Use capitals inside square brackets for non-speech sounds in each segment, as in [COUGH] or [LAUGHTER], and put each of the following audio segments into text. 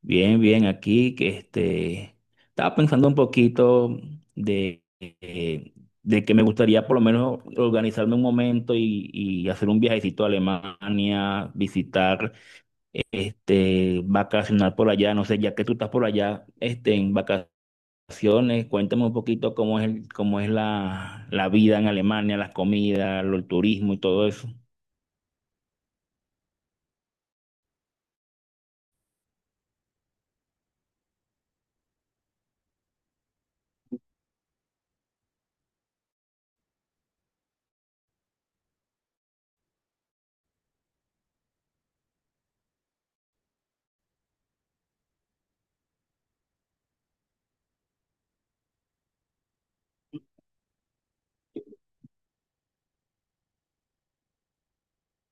Bien, bien, aquí que estaba pensando un poquito de, eh, de que me gustaría por lo menos organizarme un momento y hacer un viajecito a Alemania, visitar, vacacionar por allá. No sé, ya que tú estás por allá, en vacaciones, cuéntame un poquito cómo es la vida en Alemania, las comidas, el turismo y todo eso.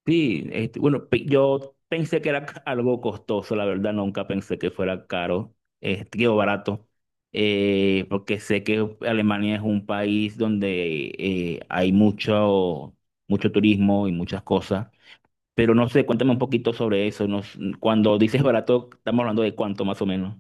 Sí, bueno, yo pensé que era algo costoso, la verdad, nunca pensé que fuera caro, digo, barato, porque sé que Alemania es un país donde hay mucho turismo y muchas cosas, pero no sé, cuéntame un poquito sobre eso, no s- cuando dices barato, estamos hablando de cuánto más o menos.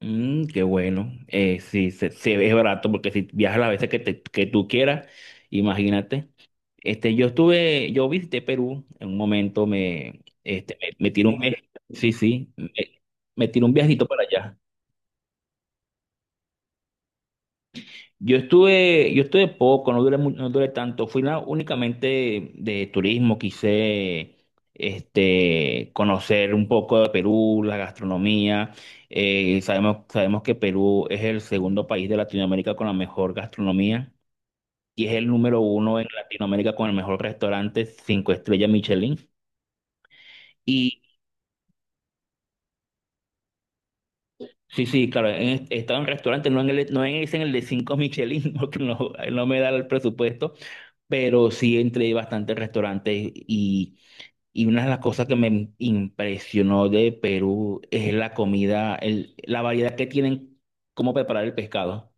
Mm, qué bueno. Sí, se ve barato porque si viajas las veces que tú quieras, imagínate. Yo estuve, yo visité Perú en un momento, me tiré un mes, sí, sí, me tiré un viajito para allá. Yo estuve poco, no duré tanto. Fui únicamente de turismo, quise conocer un poco de Perú, la gastronomía. Sabemos que Perú es el segundo país de Latinoamérica con la mejor gastronomía y es el número uno en Latinoamérica con el mejor restaurante, cinco estrellas Michelin. Y sí, sí, claro, he estado en restaurantes, no en el, no en, ese- en el de cinco Michelin, [LAUGHS] porque no, no me da el presupuesto, pero sí entré a bastantes restaurantes, y una de las cosas que me impresionó de Perú es la comida, la variedad que tienen, cómo preparar el pescado.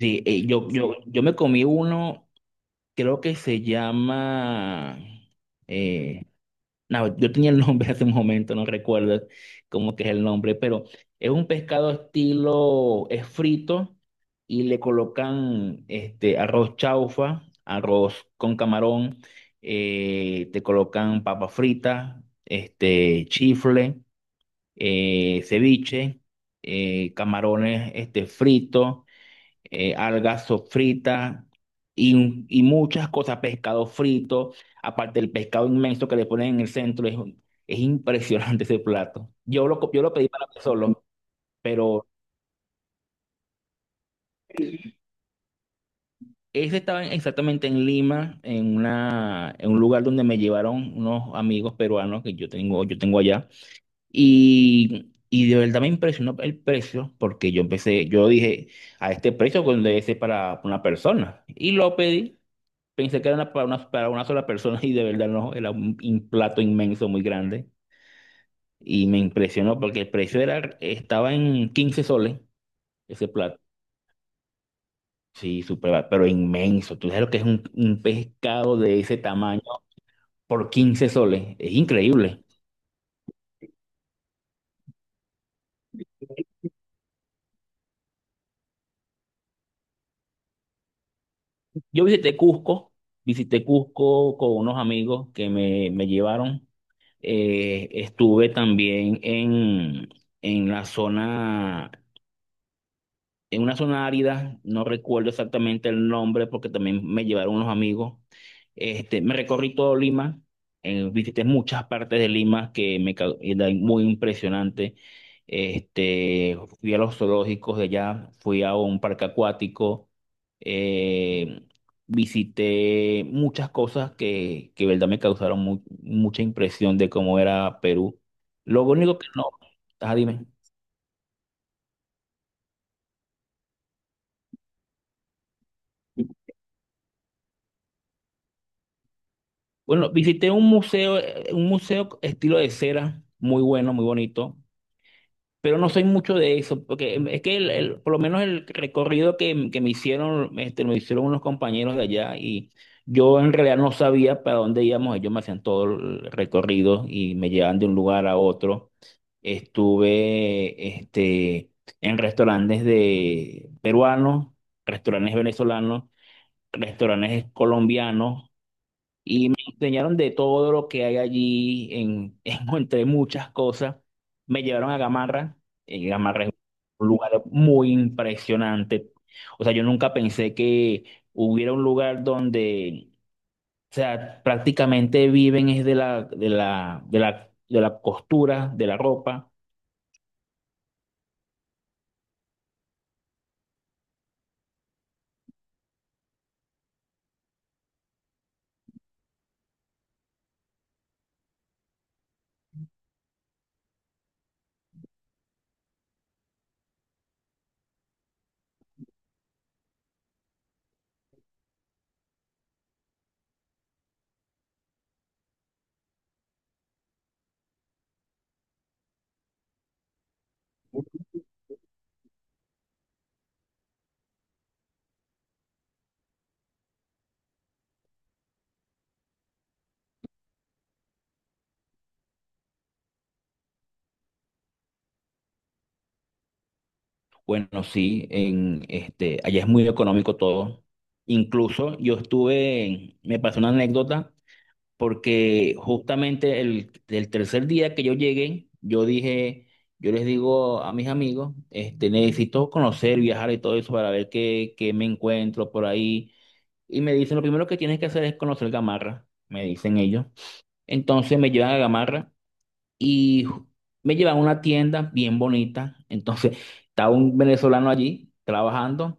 Sí, yo me comí uno, creo que se llama, eh, no, yo tenía el nombre [LAUGHS] hace un momento, no recuerdo cómo que es el nombre, pero es un pescado estilo, es frito y le colocan arroz chaufa, arroz con camarón, te colocan papa frita, chifle, ceviche, camarones fritos, algas sofritas y, y muchas cosas, pescado frito, aparte del pescado inmenso que le ponen en el centro, es impresionante ese plato. Yo lo pedí para mí solo, pero ese estaba exactamente en Lima, en un lugar donde me llevaron unos amigos peruanos que yo tengo allá, y... Y de verdad me impresionó el precio porque yo empecé, yo dije, a este precio pues, debe ser para una persona. Y lo pedí. Pensé que era para una sola persona, y de verdad no, era un plato inmenso, muy grande. Y me impresionó porque el precio estaba en 15 soles ese plato. Sí, súper barato, pero inmenso. Tú sabes lo que es un pescado de ese tamaño por 15 soles. Es increíble. Yo visité Cusco con unos amigos me llevaron. Estuve también en la zona en una zona árida, no recuerdo exactamente el nombre porque también me llevaron unos amigos. Me recorrí todo Lima, visité muchas partes de Lima que eran muy impresionante. Fui a los zoológicos de allá, fui a un parque acuático, eh, visité muchas cosas que verdad me causaron mucha impresión de cómo era Perú. Lo único que no, ah, dime. Bueno, visité un museo estilo de cera, muy bueno, muy bonito, pero no soy mucho de eso, porque es que por lo menos el recorrido que me hicieron, me hicieron unos compañeros de allá, y yo en realidad no sabía para dónde íbamos, ellos me hacían todo el recorrido y me llevaban de un lugar a otro. Estuve, en restaurantes de peruanos, restaurantes venezolanos, restaurantes colombianos. Y me enseñaron de todo lo que hay allí, [LAUGHS] entre muchas cosas. Me llevaron a Gamarra. Gamarra es un lugar muy impresionante. O sea, yo nunca pensé que hubiera un lugar donde, o sea, prácticamente viven es de la costura, de la ropa. Bueno, sí, allá es muy económico todo. Incluso yo estuve, me pasó una anécdota porque justamente el tercer día que yo llegué, yo dije, yo les digo a mis amigos, necesito conocer, viajar y todo eso para ver qué me encuentro por ahí. Y me dicen, lo primero que tienes que hacer es conocer Gamarra, me dicen ellos. Entonces me llevan a Gamarra y me llevan a una tienda bien bonita. Entonces estaba un venezolano allí trabajando.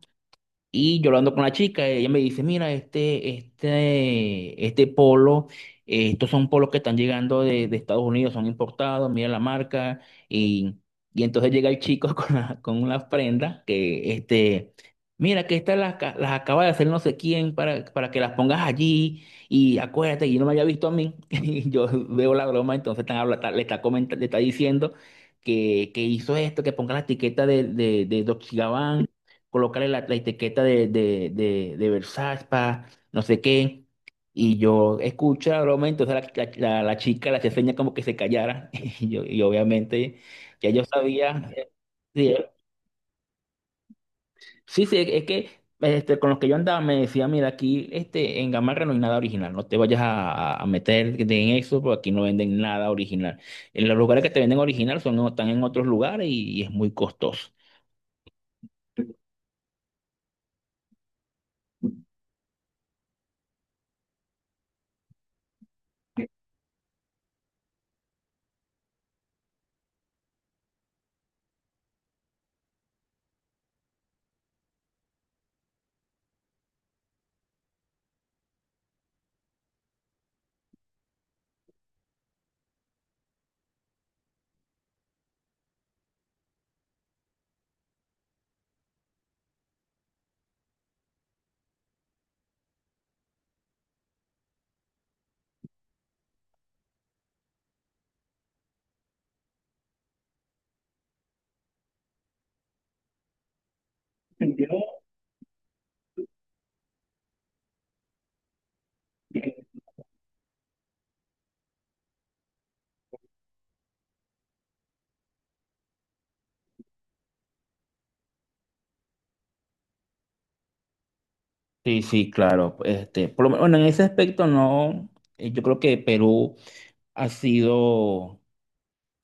Y yo hablando con la chica, ella me dice, mira, este polo, estos son polos que están llegando de Estados Unidos, son importados, mira la marca. Y, y entonces llega el chico [LAUGHS] con con una prenda que, mira, que estas las acaba de hacer no sé quién para que las pongas allí. Y acuérdate, y no me había visto a mí. [LAUGHS] Y yo veo la broma, entonces le está comentando, le está diciendo que hizo esto, que ponga la etiqueta de Dolce y Gabbana, colocarle la etiqueta de Versaspa, no sé qué. Y yo escucho la broma, entonces la chica la hacía seña como que se callara. [LAUGHS] Y, yo, y obviamente ya yo sabía. Sí, sí, sí, es que con los que yo andaba me decía, mira, aquí en Gamarra no hay nada original, no te vayas a, a meter en eso, porque aquí no venden nada original. En los lugares que te venden original son, están en otros lugares y es muy costoso. Sí, sí, claro. Por lo menos, bueno, en ese aspecto no, yo creo que Perú ha sido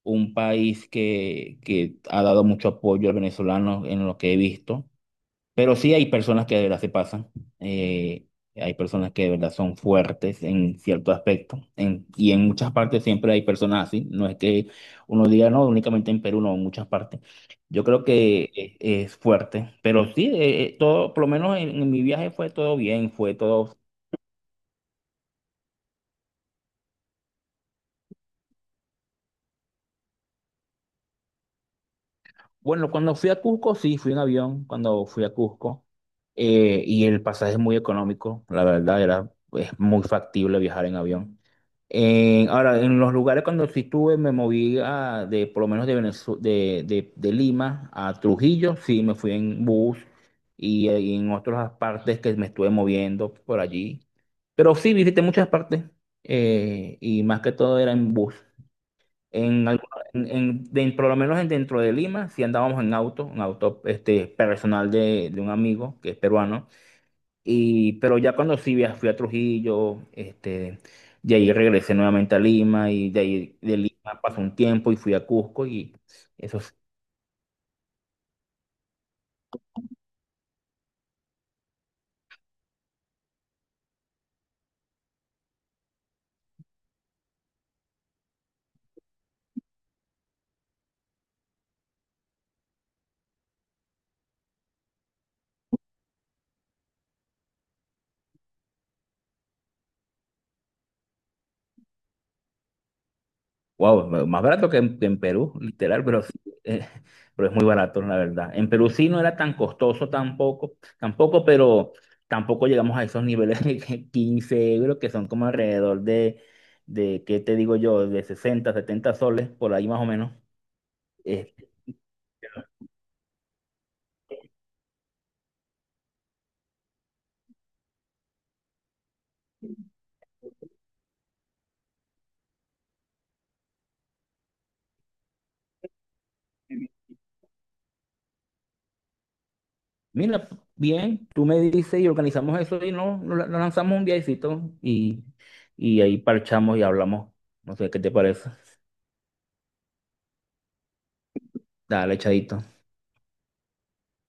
un país que ha dado mucho apoyo al venezolano en lo que he visto, pero sí hay personas que de verdad se pasan, eh, hay personas que de verdad son fuertes en cierto aspecto, y en muchas partes siempre hay personas así, no es que uno diga, no, únicamente en Perú, no, en muchas partes. Yo creo que e- Es fuerte, pero sí, todo, por lo menos en mi viaje fue todo bien, fue todo. Bueno, cuando fui a Cusco, sí, fui en avión cuando fui a Cusco. Y el pasaje es muy económico, la verdad, era, es muy factible viajar en avión. Ahora, en los lugares cuando sí estuve, me moví a, de, por lo menos de, Venezu- de Lima a Trujillo, sí, me fui en bus, y en otras partes que me estuve moviendo por allí. Pero sí, visité muchas partes, y más que todo era en bus. En, algu- en- de- Por lo menos dentro de Lima, sí andábamos en auto personal de un amigo que es peruano. Y, pero ya cuando fui a Trujillo, de ahí regresé nuevamente a Lima, y de ahí de Lima pasó un tiempo y fui a Cusco y eso. Wow, más barato que que en Perú, literal, pero sí, eh, pero es muy barato, la verdad. En Perú sí no era tan costoso tampoco, tampoco, pero tampoco llegamos a esos niveles de que 15 euros, que son como alrededor ¿qué te digo yo? De 60, 70 soles, por ahí más o menos. Eh, Mira, bien, tú me dices y organizamos eso y no, nos lanzamos un viajecito, y ahí parchamos y hablamos. No sé, ¿qué te parece? Dale, echadito.